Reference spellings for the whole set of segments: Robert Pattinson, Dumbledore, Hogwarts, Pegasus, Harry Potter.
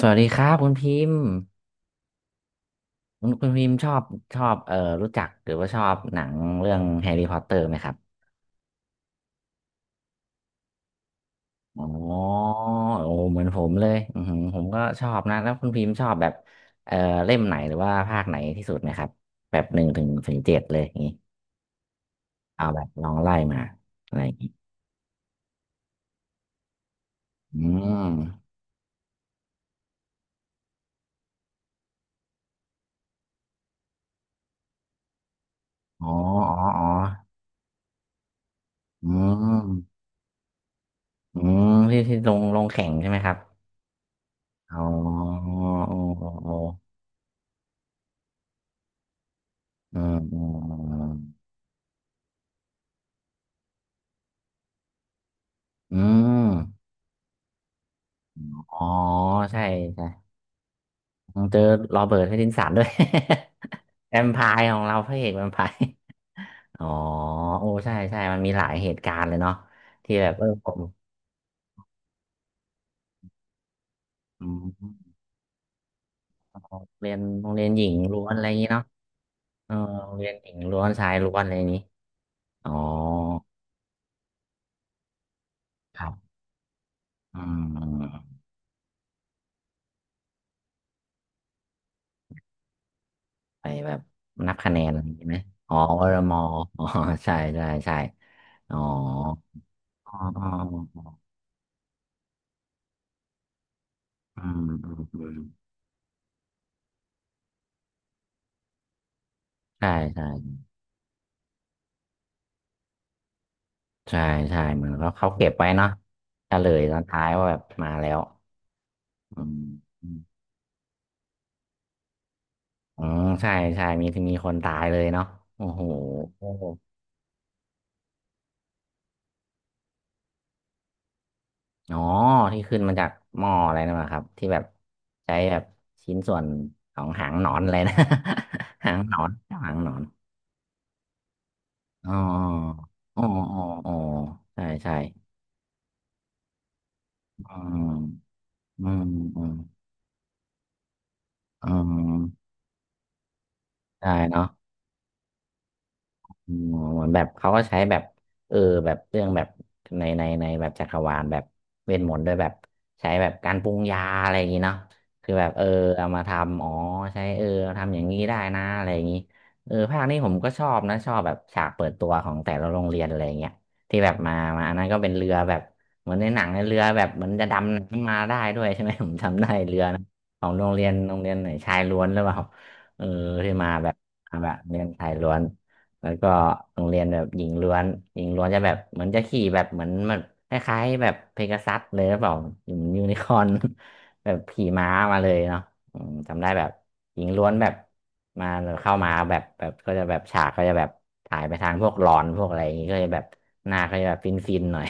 สวัสดีครับคุณพิมพ์คุณพิมพ์ชอบรู้จักหรือว่าชอบหนังเรื่องแฮร์รี่พอตเตอร์ไหมครับอ๋อโอ้เหมือนผมเลยอือหือผมก็ชอบนะแล้วคุณพิมพ์ชอบแบบเอ่อเล่มไหนหรือว่าภาคไหนที่สุดไหมครับแบบหนึ่งถึงเจ็ดเลยอย่างนี้เอาแบบลองไล่มาอะไรอย่างนี้อืมอ๋ออ๋ออ๋ออืมอืมที่ที่ลงแข่งใช่ไหมครับอ๋ออ๋ออ๋ออ๋ออืมอืมอืม อ๋อใช่ใช่ผมเจอโรเบิร์ตแพตตินสันด้วย แวมไพร์ของเราพระเอกแวมไพร์ อ๋อโอ้ใช่ใช่มันมีหลายเหตุการณ์เลยเนาะที่แบบเออผมอืมเรียนโรงเรียนหญิงล้วนอะไรอย่างนี้เนาะเออโรงเรียนหญิงล้วนชายล้วนอะไรอย่างนี้อ๋อครับอืมไปแบบนับคะแนนอะไรอย่างนี้ไหมอ๋อวรมออ๋อใช่ใช่ใช่อ๋ออ๋ออ๋ออืมอืมอืมใช่ใช่ ใช่ใช่เหมือนเขาเก็บไว้เนาะเฉลยตอนท้ายว่าแบบมาแล้วอืมอืมอ๋อใช่ใช่มีคนตายเลยเนาะโอ้โหอ๋อที่ขึ้นมาจากหม้ออะไรนั่นแหละครับที่แบบใช้แบบชิ้นส่วนของหางหนอนอะไรนะ หางหนอนหางหนอนอ๋ออ๋ออ๋ออ๋อใช่ใช่อืมอืมอืมอืมใช่เนาะ อ๋อเหมือนแบบเขาก็ใช้แบบเออแบบเรื่องแบบในแบบจักรวาลแบบเวทมนต์ด้วยแบบใช้แบบการปรุงยาอะไรอย่างงี้เนาะคือแบบเออเอามาทำอ๋อใช้เออทำอย่างนี้ได้นะอะไรอย่างงี้เออภาคนี้ผมก็ชอบนะชอบแบบฉากเปิดตัวของแต่ละโรงเรียนอะไรอย่างเงี้ยที่แบบมาอันนั้นก็เป็นเรือแบบเหมือนในหนังในเรือแบบเหมือนจะดำน้ำมาได้ด้วยใช่ไหม ผมจำได้เรือนะของโรงเรียนไหนชายล้วนหรือเปล่าเออที่มาแบบมาแบบเรียนชายล้วน แล้วก็โรงเรียนแบบหญิงล้วนหญิงล้วนจะแบบเหมือนจะขี่แบบเหมือนมันคล้ายๆแบบเพกาซัสเลยหรือเปล่าอยู่เหมือนยูนิคอร์น แบบขี่ม้ามาเลยเนาะอืมจำได้แบบหญิงล้วนแบบมาเข้ามาแบบก็จะแบบฉากก็จะแบบถ่ายไปทางพวกหลอนพวกอะไรอย่างงี้ก็จะแบบหน้าก็จะแบบฟินๆหน่อย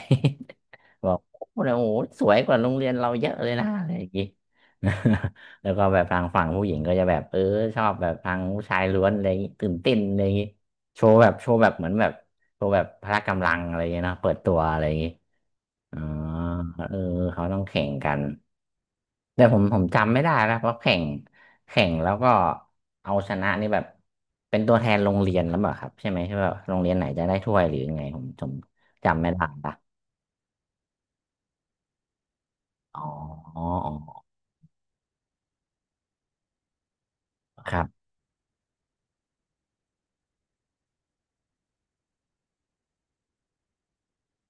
บอกโอ้โหสวยกว่าโรงเรียนเราเยอะเลยนะอะไรอย่างงี้ แล้วก็แบบทางฝั่งผู้หญิงก็จะแบบเออชอบแบบทางผู้ชายล้วนอะไรอย่างงี้ตื่นเต้นอะไรอย่างงี้ โชว์แบบโชว์แบบเหมือนแบบโชว์แบบพละกำลังอะไรอย่างเงี้ยเนอะเปิดตัวอะไรอย่างงี้อ๋อเออเขาต้องแข่งกันแต่ผมจำไม่ได้แล้วเพราะแข่งแล้วก็เอาชนะนี่แบบเป็นตัวแทนโรงเรียนแล้วเปล่าครับใช่ไหมใช่แบบโรงเรียนไหนจะได้ถ้วยหรือยังไงผมจำไม่ได้ละอ๋ออ๋อครับ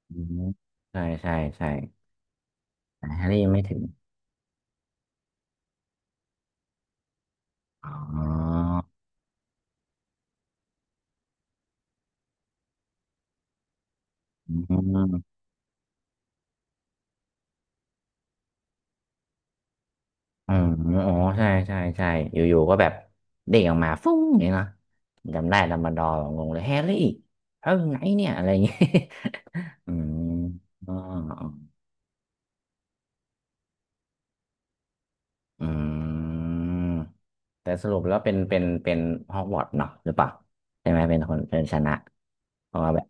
อืมใช่ใช่ใช่แต่แฮร์รี่ไม่ถึงอ๋ออืม อ๋ออ๋อใช่ใช่ใช่อยู่ๆก็แบบเด้งออกมาฟุ้งอย่างเงี้ยเนาะจำได้ดัมเบิลดอร์งงเลยแฮร์รี่เฮ้ยไงเนี่ย อะไรอย่างเงี้ย อืมอ๋ออืมแต่สรุปแล้วเป็น เป็นฮอกวอตส์เนาะหรือเปล่าใช่ไหมเป็นคนเป็นชนะเพราะว่าแบบ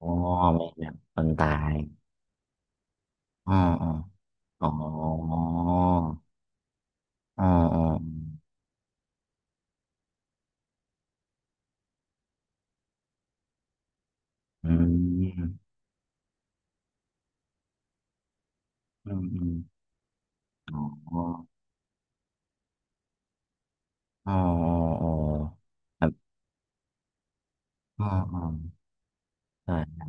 อ๋อไม่แบบคนตายอ๋ออ๋ออ๋ออ๋ออ๋ออืมอืมอืมอ๋ออ๋ออ๋อ อ่าอ่าใช่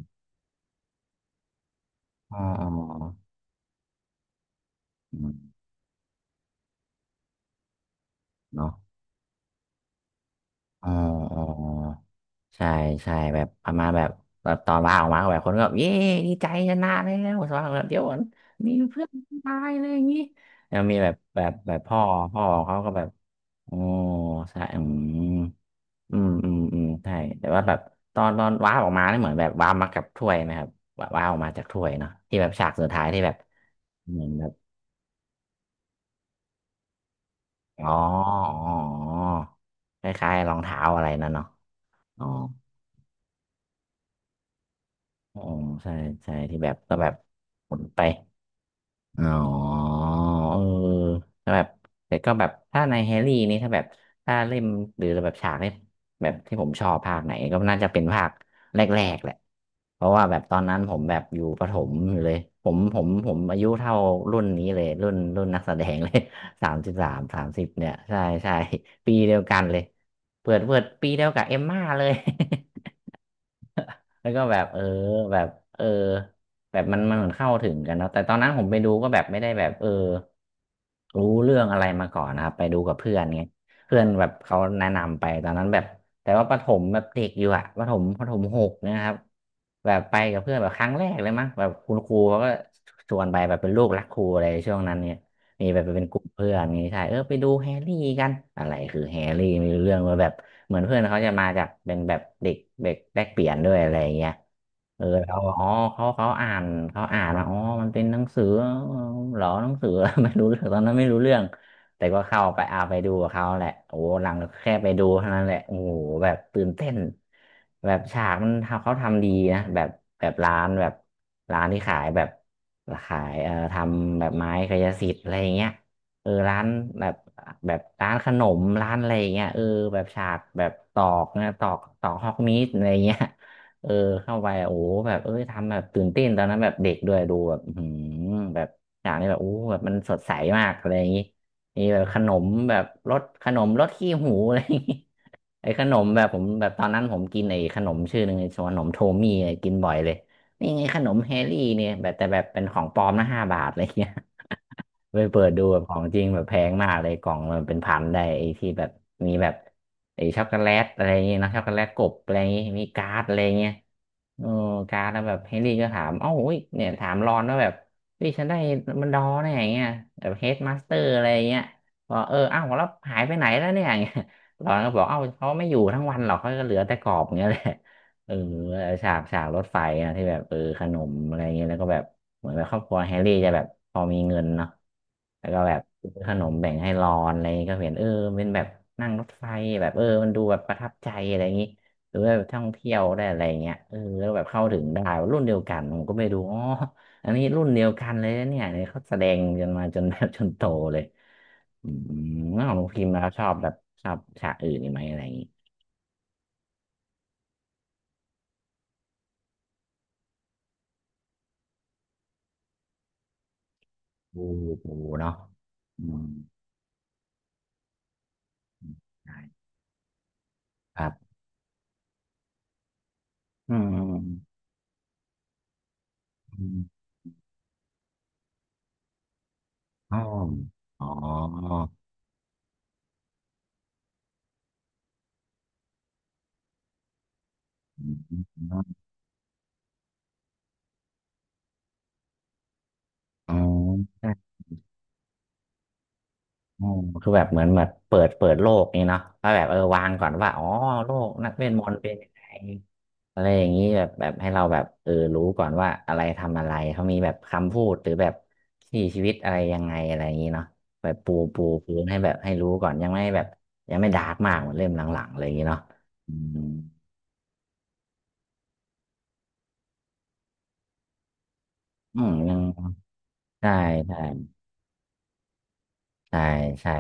อ่าอ่าอืมเนาะเอ่าอ่ใช่ใช่แบบประมาณแบบตอนลาออกมาก็แบบคนก็แบบเย้ดีใจชนะแล้วสำหรับแบบเดี๋ยวก่อนมีเพื่อนตายเลยอย่างนี้แล้วมีแบบพ่อเขาก็แบบโอ้ใช่อืมอืมอืมอืมใช่แต่ว่าแบบตอนว้าออกมาเนี่ยเหมือนแบบว้ามากับถ้วยไหมครับว้าออกมาจากถ้วยเนาะที่แบบฉากสุดท้ายที่แบบเหมือนแบบ อ๋ออ๋ออ๋อ คล้ายๆรองเท้าอะไรนั่นเนาะอ๋ออ๋อใช่ ใช่ ที่แบบก็แบบหมุนไป อ๋อเออแล้วแบบแต่ก็แบบถ้าในแฮร์รี่นี่ถ้าแบบถ้าเล่มหรือแบบฉากที่แบบที่ผมชอบภาคไหนก็น่าจะเป็นภาคแรกๆแหละเพราะว่าแบบตอนนั้นผมแบบอยู่ประถมอยู่เลยผมอายุเท่ารุ่นนี้เลยรุ่นนักแสดงเลย สามสิบสามสามสิบเนี่ยใช่ใช่ปีเดียวกันเลยเปิดปีเดียวกับเอมม่าเลย แล้วก็แบบแบบเออแบบมันเหมือนเข้าถึงกันเนาะแต่ตอนนั้นผมไปดูก็แบบไม่ได้แบบรู้เรื่องอะไรมาก่อนนะครับไปดูกับเพื่อนไงเพื่อนแบบเขาแนะนำไปตอนนั้นแบบแต่ว่าประถมแบบเด็กอยู่อะประถมหกเนยนะครับแบบไปกับเพื่อนแบบครั้งแรกเลยมั้งแบบคุณครูเขาก็ชวนไปแบบเป็นลูกรักครูอะไรช่วงนั้นเนี่ยมีแบบไปเป็นกลุ่มเพื่อนนี้ใช่เออไปดูแฮร์รี่กันอะไรคือแฮร์รี่ไมีเรื่องมาแบบ เหมือนเพื่อนเขาจะมาจากเป็นแบบเด็กเด็กแลกเปลี่ยนด้วยอะไรอย่างเงี้ยเออแล้วอ๋อเขาอ่านเขาอ่านมาอ๋อมันเป็นหนังสือเหรอหนังสือ ไม่รู้เรื่องตอนนั้นไม่รู้เรื่องแต่ก็เข้าไปเอาไปดูกับเขาแหละโอ้หลังแค่ไปดูเท่านั้นแหละโอ้โหแบบตื่นเต้นแบบฉากมันทำเขาทำดีนะแบบแบบร้านแบบร้านที่ขายแบบขายทำแบบไม้กายสิทธิ์อะไรอย่างเงี้ย เออร้านแบบแบบร้านขนมร้านอะไรอย่างเงี้ยเออแบบฉากแบบตอกนะตอกฮอกมีดอะไรอย่างเงี้ย เออเข้าไปโอ้โหแบบเอ้ยทำแบบตื่นเต้นตอนนั้นแบบเด็กด้วยดูแบบอื้อหืมแบบฉากนี้แบบโอ้โหแบบมันสดใสมากอะไรอย่างงี้มีแบบขนมแบบรสขนมรสขี้หูอะไรอย่างงี้ ไอ้ขนมแบบผมแบบตอนนั้นผมกินไอ้ขนมชื่อหนึ่งไอ้ขนมโทมี่ไอ้กินบ่อยเลยนี่ไงขนมแฮร์รี่เนี่ยแบบแต่แบบเป็นของปลอมนะห้าบาทอะไรเงี้ย ไปเปิดดูแบบของจริงแบบแพงมากเลยกล่องมันเป็นพันได้ไอ้ที่แบบมีแบบไอ้ช็อกโกแลตอะไรอย่างเงี้ยนะช็อกโกแลตกบอะไรอย่างเงี้ยมีการ์ดอะไรอย่างเงี้ยเออการ์ดแล้วแบบเฮนรี่ก็ถามเอ้าอุ้ยเนี่ยถามรอนว่าแบบเฮ้ยฉันได้มันดอแน่ยอย่างเงี้ยแบบเฮดมาสเตอร์อะไรอย่างเงี้ยบอกเออเอ้าแล้วหายไปไหนแล้วเนี่ยอย่างเงี้ย รอนก็บอกเอ้าเขาไม่อยู่ทั้งวันหรอกเขาก็เหลือแต่กรอบอย่างเงี้ยแหละเออฉากรถไฟนะที่แบบเออขนมอะไรเงี้ยแล้วก็แบบ เหมือนแบบครอบครัวแฮร์รี่จะแบบพอมีเงินเนาะแล้วก็แบบซื้อขนมแบ่งให้รอนอะไรอย่างงี้ก็เห็นเออเป็นแบบนั่งรถไฟแบบเออมันดูแบบประทับใจอะไรอย่างงี้หรือว่าแบบท่องเที่ยวได้อะไรอย่างเงี้ยเออแล้วแบบเข้าถึงได้รุ่นเดียวกันผมก็ไม่ดูอ๋ออันนี้รุ่นเดียวกันเลยนะเนี่ยเนี่ยเขาแสดงกันมาจนแบบจนโตเลยอืมแล้วของน้องพิมพ์แล้วชอบแบบชอบฉากอื่นอีกไหมอะไรอย่างงี้ดูดูเนาะอืมใช่ครับอืมอืมอืม อ๋ออ๋ออืมอ๋อใช่อ๋อคือแบบเหมือนแบบเปิดโลกนี่เนาะว่าแบบเออวางก่อนว่าอ๋อโลกนักเวทมนต์เป็นยังไงอะไรอย่างนี้แบบแบบให้เราแบบเออรู้ก่อนว่าอะไรทำอะไรเขามีแบบคำพูดหรือแบบที่ชีวิตอะไรยังไงอะไรอย่างนี้เนาะแบบปูพื้นให้แบบให้รู้ก่อนยังไม่แบบยังไม่ดาร์กมากเหมือนเล่มหลังๆอะไรอย่างนี้เนาะอืมอืมยังใช่ใช่ใช่ใช่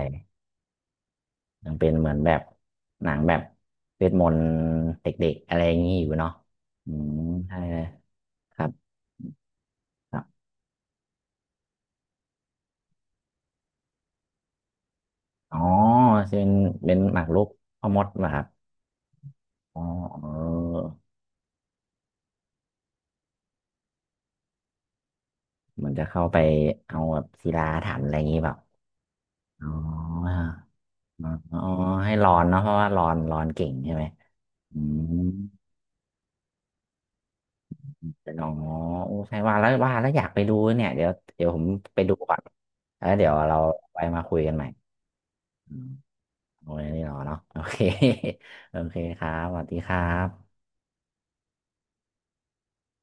ยังเป็นเหมือนแบบหนังแบบเวทมนต์เด็กๆอะไรอย่างนี้อยู่เนาะอืมใช่เลยครับครับอ๋อเป็นเป็นหมากรุกพ่อมดเหรอครับอ๋อเออเหมือนจะเข้าไปเอาแบบศิลาอาถรรพ์อะไรอย่างนี้เปล่าอ๋ออ๋ออ๋อให้รอนเนาะเพราะว่ารอนเก่งใช่ไหมอืมแต่น้องอ๋อโอ้ใช่ว่าแล้วอยากไปดูเนี่ยเดี๋ยวผมไปดูก่อนแล้วเดี๋ยวเราไว้มาคุยกันใหม่ โอ้ยนี่หรอเนาะ โอเค โอเคครับ สวัสดีครับ